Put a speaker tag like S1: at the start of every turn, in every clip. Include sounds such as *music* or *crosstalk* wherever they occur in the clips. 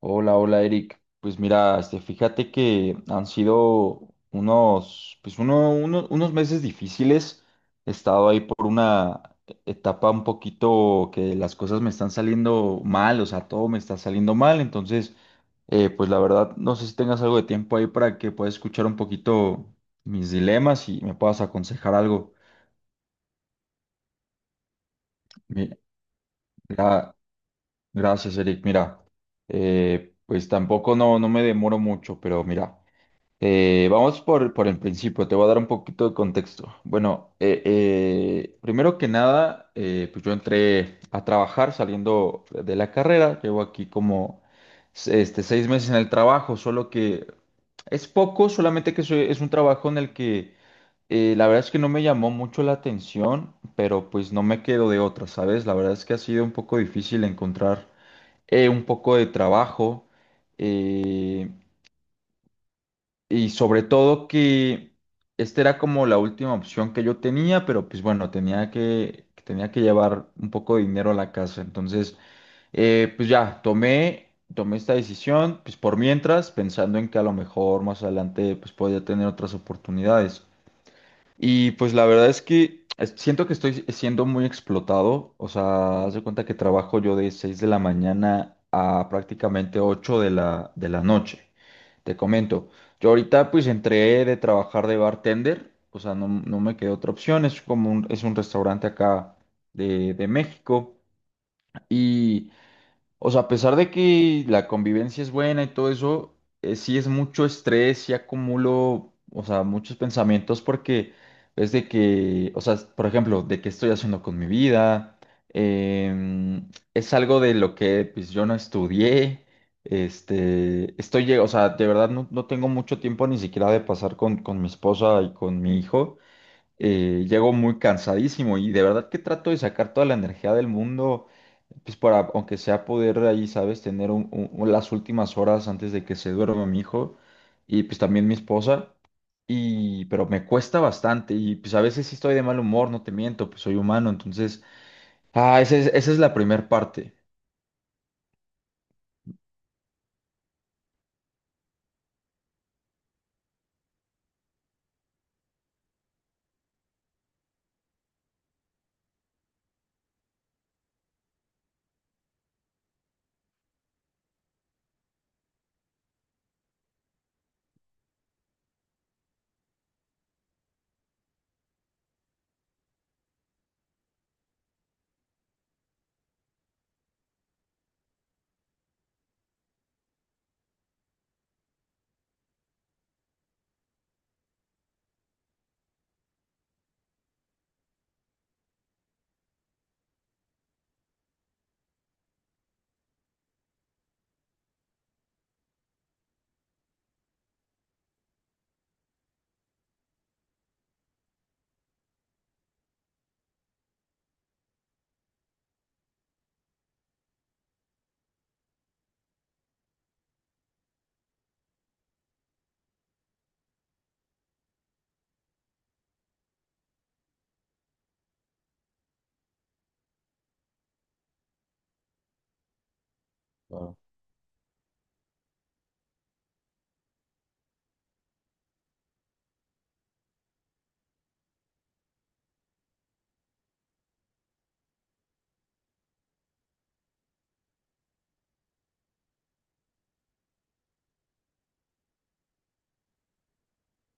S1: Hola, hola Eric. Pues mira, este, fíjate que han sido unos, pues unos meses difíciles. He estado ahí por una etapa un poquito que las cosas me están saliendo mal, o sea, todo me está saliendo mal. Entonces, pues la verdad, no sé si tengas algo de tiempo ahí para que puedas escuchar un poquito mis dilemas y me puedas aconsejar algo. Mi- gra- Gracias, Eric. Mira, pues tampoco no me demoro mucho, pero mira. Vamos por el principio, te voy a dar un poquito de contexto. Bueno, primero que nada, pues yo entré a trabajar saliendo de la carrera, llevo aquí como este, 6 meses en el trabajo, solo que es poco, solamente que es un trabajo en el que la verdad es que no me llamó mucho la atención, pero pues no me quedo de otra, ¿sabes? La verdad es que ha sido un poco difícil encontrar un poco de trabajo. eh, y sobre todo que esta era como la última opción que yo tenía, pero pues bueno, tenía que llevar un poco de dinero a la casa. Entonces, pues ya, tomé esta decisión, pues por mientras, pensando en que a lo mejor más adelante pues podía tener otras oportunidades. Y pues la verdad es que siento que estoy siendo muy explotado. O sea, haz de cuenta que trabajo yo de 6 de la mañana a prácticamente 8 de la noche. Te comento. Yo ahorita pues entré de trabajar de bartender. O sea, no me quedó otra opción. Es es un restaurante acá de México. O sea, a pesar de que la convivencia es buena y todo eso, sí es mucho estrés, sí acumulo, o sea, muchos pensamientos porque es de que, o sea, por ejemplo, de qué estoy haciendo con mi vida, es algo de lo que pues yo no estudié, este, o sea, de verdad no tengo mucho tiempo ni siquiera de pasar con mi esposa y con mi hijo, llego muy cansadísimo y de verdad que trato de sacar toda la energía del mundo pues para, aunque sea poder ahí, ¿sabes? Tener las últimas horas antes de que se duerma mi hijo y pues también mi esposa. Pero me cuesta bastante y pues a veces sí estoy de mal humor, no te miento, pues soy humano, entonces, esa es la primera parte. Claro.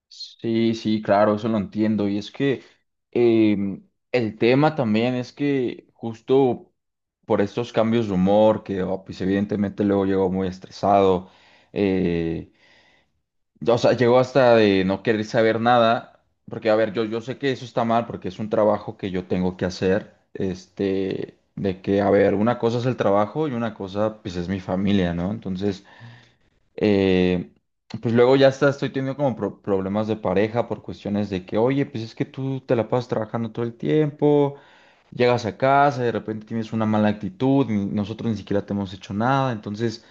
S1: Sí, sí, claro, eso lo entiendo. Y es que em, el tema también es que justo por estos cambios de humor, que pues evidentemente luego llego muy estresado. eh, O sea, llegó hasta de no querer saber nada, porque a ver, yo sé que eso está mal, porque es un trabajo que yo tengo que hacer, este, de que, a ver, una cosa es el trabajo y una cosa, pues, es mi familia, ¿no? Entonces, eh, pues luego ya está, estoy teniendo como problemas de pareja por cuestiones de que, oye, pues es que tú te la pasas trabajando todo el tiempo. Llegas a casa, de repente tienes una mala actitud, nosotros ni siquiera te hemos hecho nada, entonces,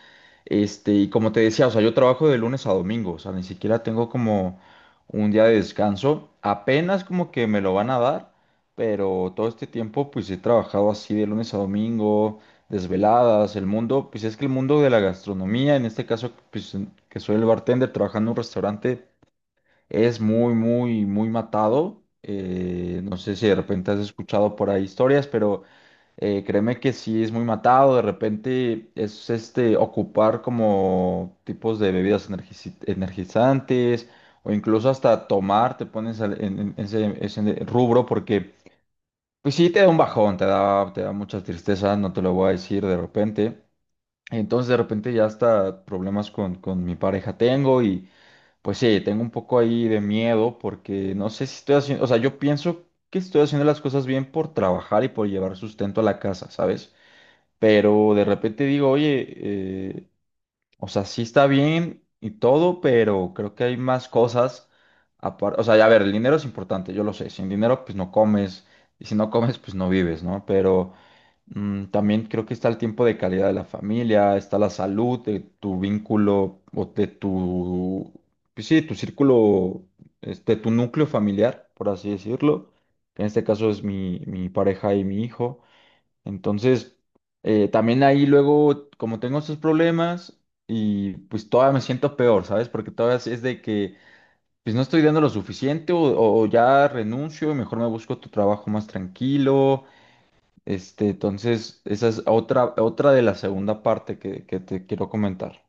S1: este, y como te decía, o sea, yo trabajo de lunes a domingo, o sea, ni siquiera tengo como un día de descanso, apenas como que me lo van a dar, pero todo este tiempo pues he trabajado así de lunes a domingo, desveladas, el mundo, pues es que el mundo de la gastronomía, en este caso, pues que soy el bartender trabajando en un restaurante. Es muy, muy, muy matado. No sé si de repente has escuchado por ahí historias, pero créeme que sí es muy matado. De repente es este ocupar como tipos de bebidas energizantes o incluso hasta tomar, te pones en ese rubro porque pues sí te da un bajón, te da mucha tristeza, no te lo voy a decir de repente. Entonces de repente ya hasta problemas con mi pareja tengo. Pues sí, tengo un poco ahí de miedo porque no sé si estoy haciendo, o sea, yo pienso que estoy haciendo las cosas bien por trabajar y por llevar sustento a la casa, ¿sabes? Pero de repente digo, oye, eh, o sea, sí está bien y todo, pero creo que hay más cosas. O sea, ya, a ver, el dinero es importante, yo lo sé, sin dinero pues no comes y si no comes pues no vives, ¿no? Pero. También creo que está el tiempo de calidad de la familia, está la salud de tu vínculo o de tu, pues sí, tu círculo, este, tu núcleo familiar, por así decirlo, que en este caso es mi pareja y mi hijo. Entonces, también ahí luego, como tengo estos problemas y pues todavía me siento peor, ¿sabes? Porque todavía es de que pues no estoy dando lo suficiente, o ya renuncio y mejor me busco otro trabajo más tranquilo, este, entonces, esa es otra de la segunda parte que te quiero comentar.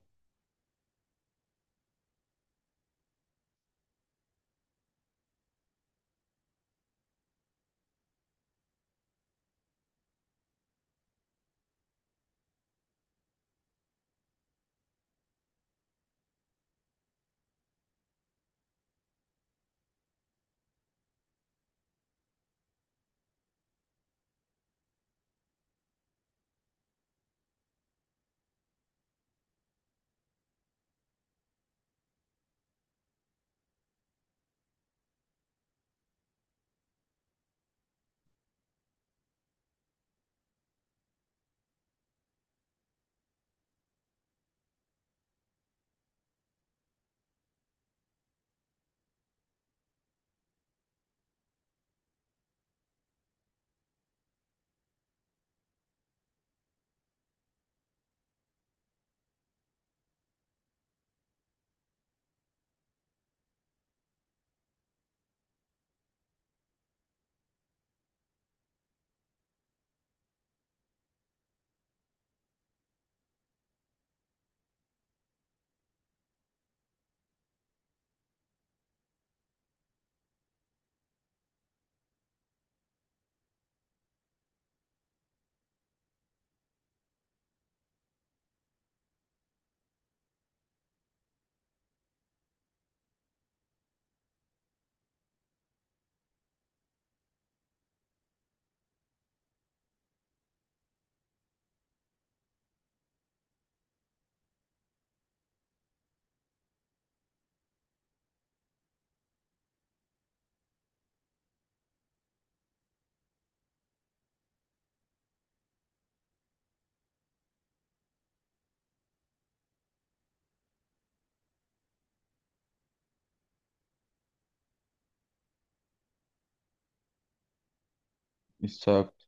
S1: Exacto.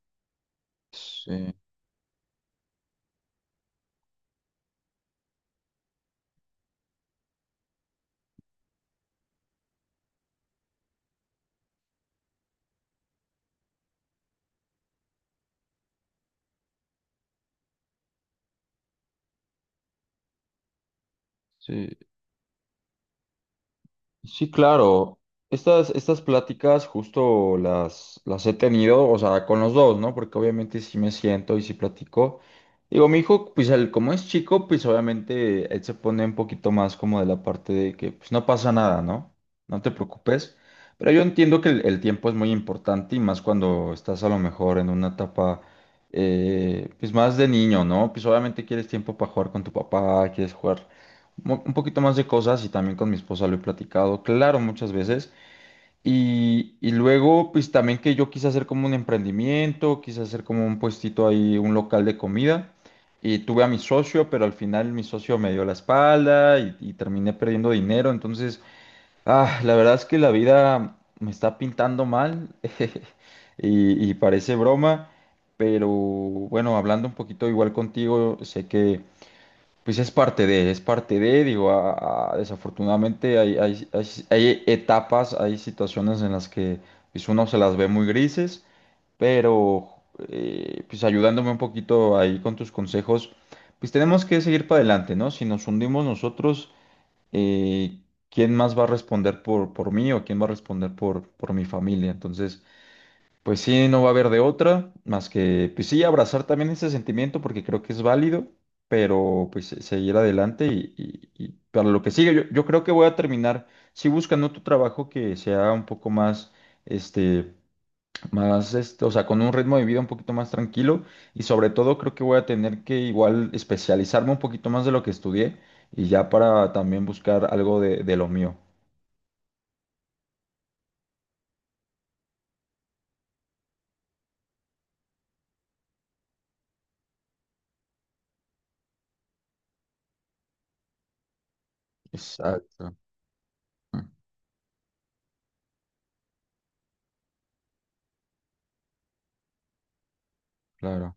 S1: Sí, sí. Sí, claro. Estas pláticas justo las he tenido, o sea, con los dos, ¿no? Porque obviamente sí me siento y sí platico. Digo, mi hijo, pues él, como es chico, pues obviamente él se pone un poquito más como de la parte de que pues no pasa nada, ¿no? No te preocupes. Pero yo entiendo que el tiempo es muy importante y más cuando estás a lo mejor en una etapa, pues más de niño, ¿no? Pues obviamente quieres tiempo para jugar con tu papá, quieres jugar un poquito más de cosas, y también con mi esposa lo he platicado, claro, muchas veces. Y luego, pues también que yo quise hacer como un emprendimiento, quise hacer como un puestito ahí, un local de comida. Y tuve a mi socio, pero al final mi socio me dio la espalda y terminé perdiendo dinero. Entonces, la verdad es que la vida me está pintando mal *laughs* y parece broma. Pero bueno, hablando un poquito igual contigo, sé que pues es parte de, digo, desafortunadamente hay etapas, hay situaciones en las que pues uno se las ve muy grises, pero pues ayudándome un poquito ahí con tus consejos, pues tenemos que seguir para adelante, ¿no? Si nos hundimos nosotros, eh, ¿quién más va a responder por mí, o quién va a responder por mi familia? Entonces, pues sí, no va a haber de otra, más que, pues sí, abrazar también ese sentimiento porque creo que es válido, pero pues seguir adelante. Y para lo que sigue, yo creo que voy a terminar sí buscando otro trabajo que sea un poco este, más, este, o sea, con un ritmo de vida un poquito más tranquilo, y sobre todo creo que voy a tener que igual especializarme un poquito más de lo que estudié y ya para también buscar algo de lo mío. Exacto. Mm. Claro.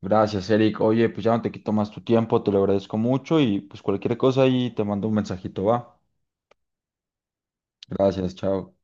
S1: Gracias, Eric. Oye, pues ya no te quito más tu tiempo, te lo agradezco mucho y pues cualquier cosa ahí te mando un mensajito, va. Gracias, chao.